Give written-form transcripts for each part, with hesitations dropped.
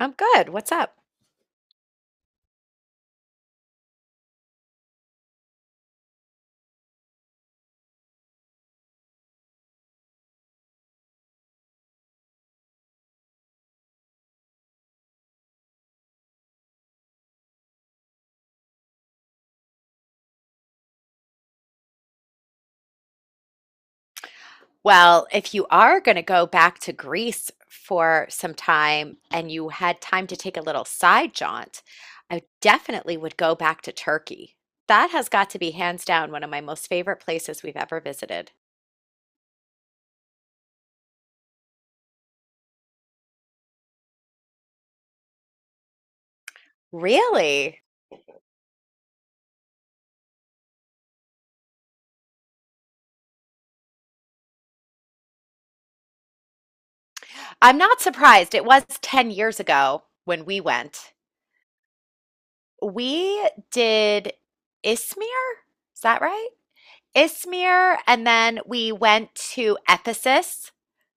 I'm good. What's up? Well, if you are going to go back to Greece for some time and you had time to take a little side jaunt, I definitely would go back to Turkey. That has got to be hands down one of my most favorite places we've ever visited. Really? I'm not surprised. It was 10 years ago when we went. We did Izmir. Is that right? Ismir, and then we went to Ephesus,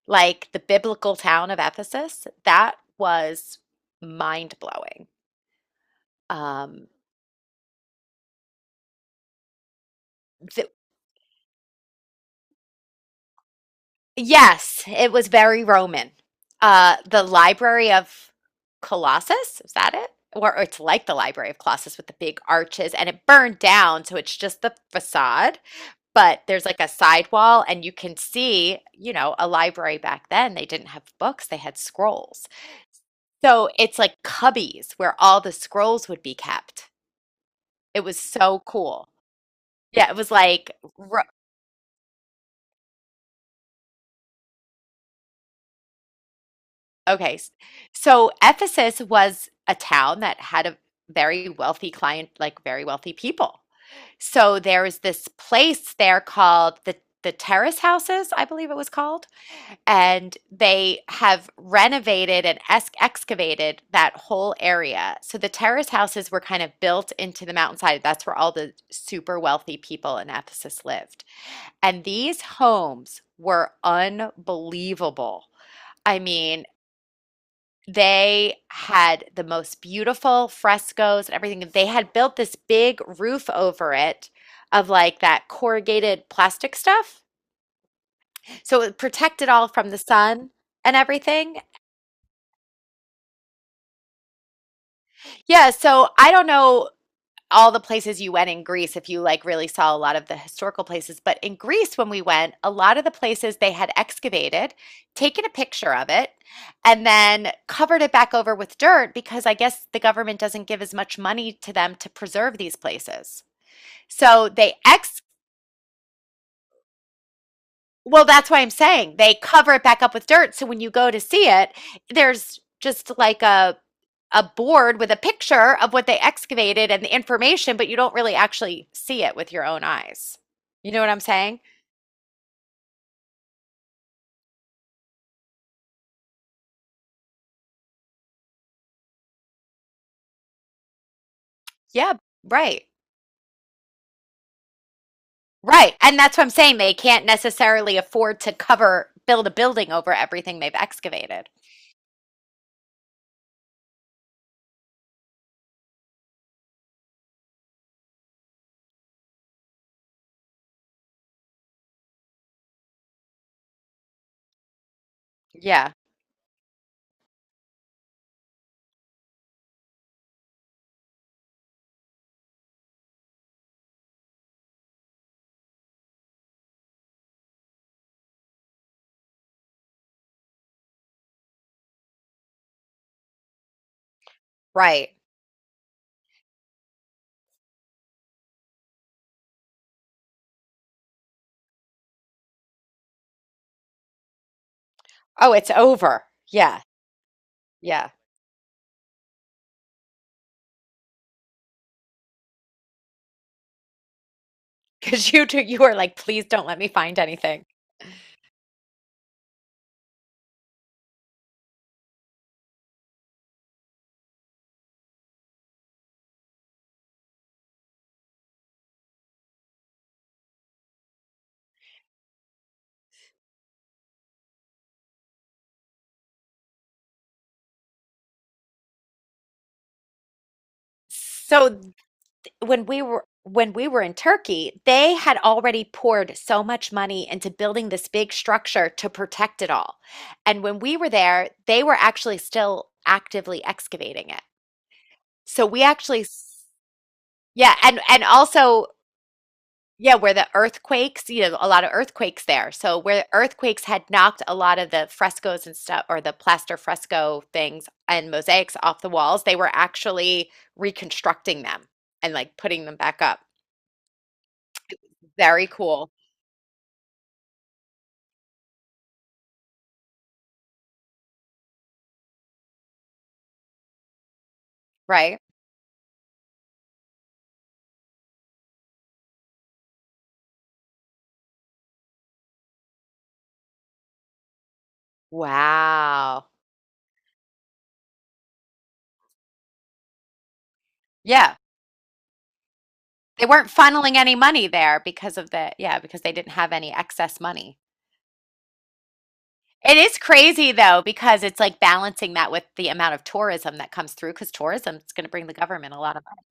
like the biblical town of Ephesus. That was mind blowing. Um, th- yes, it was very Roman. The Library of Colossus, is that it? Or it's like the Library of Colossus with the big arches, and it burned down, so it's just the facade. But there's like a sidewall, and you can see, you know, a library back then. They didn't have books, they had scrolls. So it's like cubbies where all the scrolls would be kept. It was so cool. Yeah, it was ro- okay. So Ephesus was a town that had a very wealthy client, like very wealthy people. So there was this place there called the Terrace Houses, I believe it was called, and they have renovated and excavated that whole area. So the terrace houses were kind of built into the mountainside. That's where all the super wealthy people in Ephesus lived. And these homes were unbelievable. I mean, they had the most beautiful frescoes and everything. They had built this big roof over it of like that corrugated plastic stuff. So it protected all from the sun and everything. Yeah, so I don't know all the places you went in Greece if you like really saw a lot of the historical places, but in Greece when we went, a lot of the places they had excavated, taken a picture of it, and then covered it back over with dirt because I guess the government doesn't give as much money to them to preserve these places. So they ex Well, that's why I'm saying they cover it back up with dirt. So when you go to see it, there's just like a board with a picture of what they excavated and the information, but you don't really actually see it with your own eyes. You know what I'm saying? Yeah, right. Right. And that's what I'm saying. They can't necessarily afford to cover, build a building over everything they've excavated. Yeah, right. Oh, it's over. Yeah, yeah. Because you do, you are like, please don't let me find anything. So when we were in Turkey, they had already poured so much money into building this big structure to protect it all. And when we were there, they were actually still actively excavating it. So we actually yeah, and also yeah, where the earthquakes, you know, a lot of earthquakes there. So where the earthquakes had knocked a lot of the frescoes and stuff or the plaster fresco things and mosaics off the walls, they were actually reconstructing them and like putting them back up. Very cool. Right. Wow. Yeah. They weren't funneling any money there because of yeah, because they didn't have any excess money. It is crazy though, because it's like balancing that with the amount of tourism that comes through, because tourism is going to bring the government a lot of money.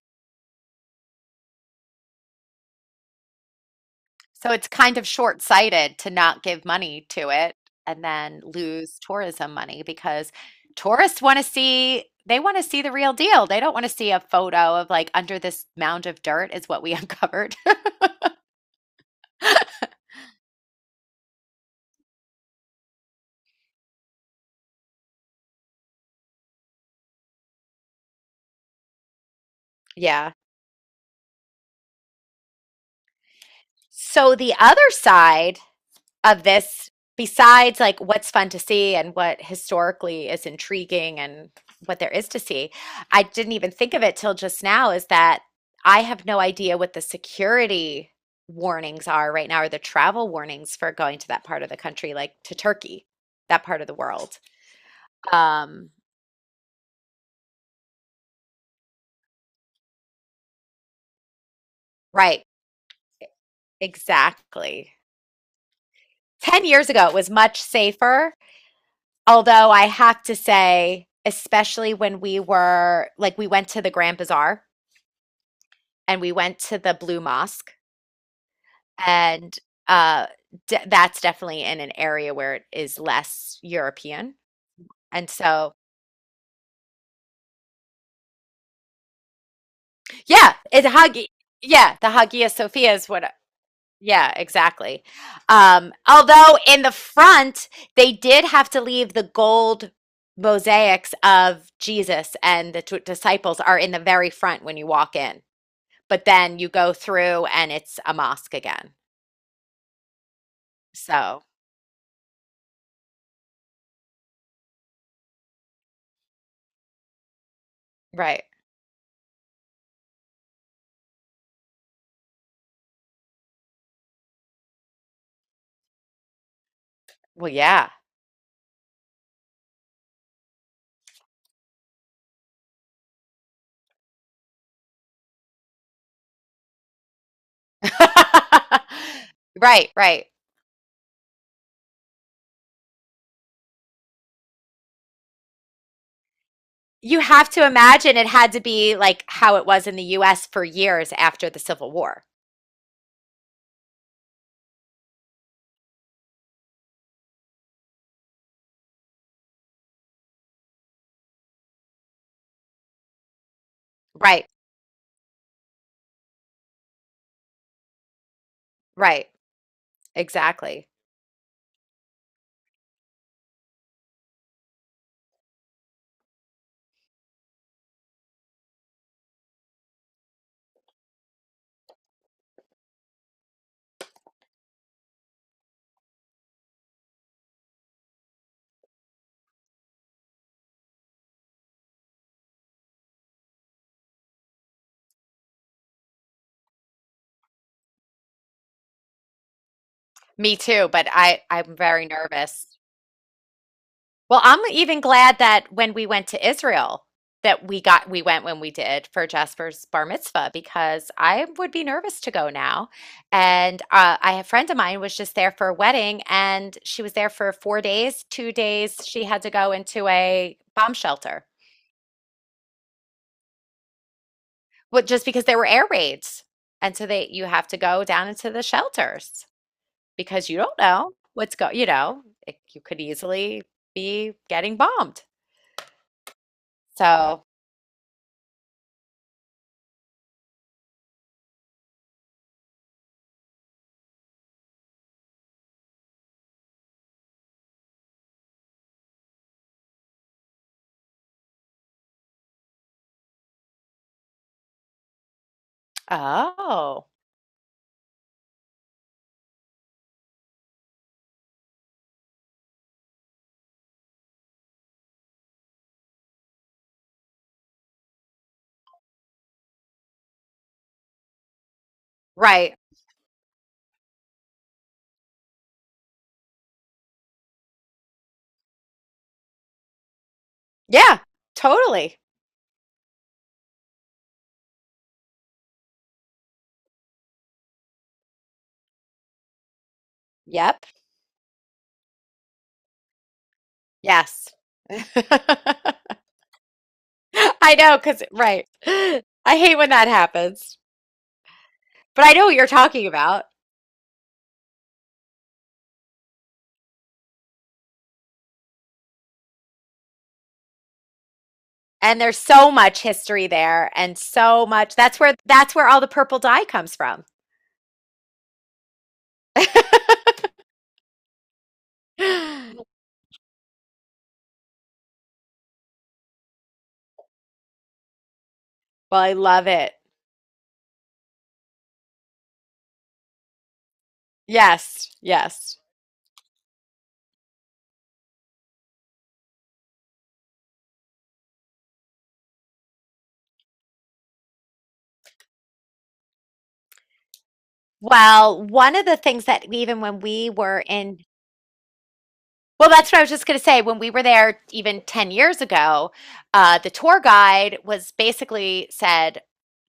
So it's kind of short-sighted to not give money to it and then lose tourism money because tourists want to see, they want to see the real deal. They don't want to see a photo of like under this mound of dirt is what we uncovered. Yeah. So the other side of this, besides like what's fun to see and what historically is intriguing and what there is to see, I didn't even think of it till just now, is that I have no idea what the security warnings are right now or the travel warnings for going to that part of the country, like to Turkey, that part of the world. um right, exactly. 10 years ago it was much safer, although I have to say, especially when we were like we went to the Grand Bazaar and we went to the Blue Mosque, and uh, that's definitely in an area where it is less European. And so, yeah, it's Hagia. Yeah, the Hagia Sophia is what. Yeah, exactly. Although in the front, they did have to leave the gold mosaics of Jesus and the disciples are in the very front when you walk in. But then you go through and it's a mosque again. So, right. Well, yeah. Right, right. You have to imagine it had to be like how it was in the US for years after the Civil War. Right, right. Exactly. Me too, but I'm very nervous. Well, I'm even glad that when we went to Israel, that we went when we did for Jasper's bar mitzvah because I would be nervous to go now. And I, a friend of mine was just there for a wedding, and she was there for 4 days. 2 days she had to go into a bomb shelter, but just because there were air raids, and so they you have to go down into the shelters because you don't know what's go. You know, it, you could easily be getting bombed. So, oh. Right. Yeah, totally. Yep. Yes. I know, cause right. I hate when that happens. But I know what you're talking about. And there's so much history there and so much, that's where all the purple dye comes from. Well, I love it. Yes, yes. Well, one of the things that even when we were in Well, that's what I was just going to say. When we were there even 10 years ago, the tour guide was basically said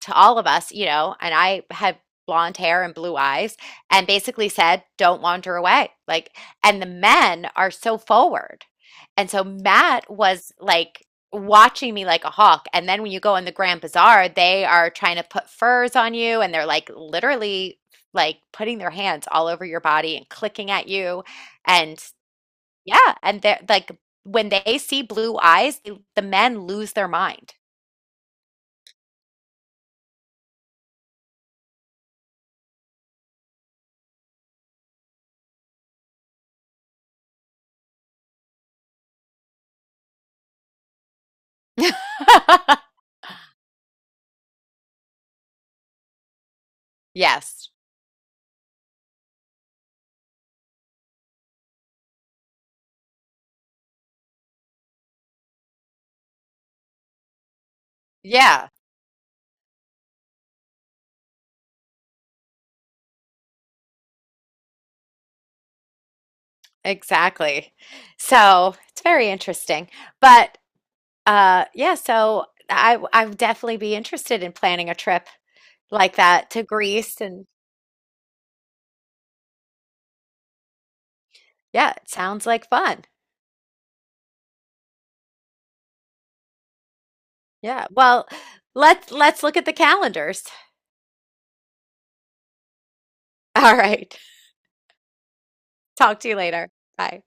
to all of us, you know, and I had blonde hair and blue eyes, and basically said, don't wander away. Like, and the men are so forward. And so Matt was like, watching me like a hawk. And then when you go in the Grand Bazaar, they are trying to put furs on you and they're like literally like putting their hands all over your body and clicking at you. And yeah, and they're like when they see blue eyes, they, the men lose their mind. Yes. Yeah, exactly. So it's very interesting. But yeah, so I would definitely be interested in planning a trip like that to Greece. And yeah, it sounds like fun. Yeah. Well, let's look at the calendars. All right. Talk to you later. Bye.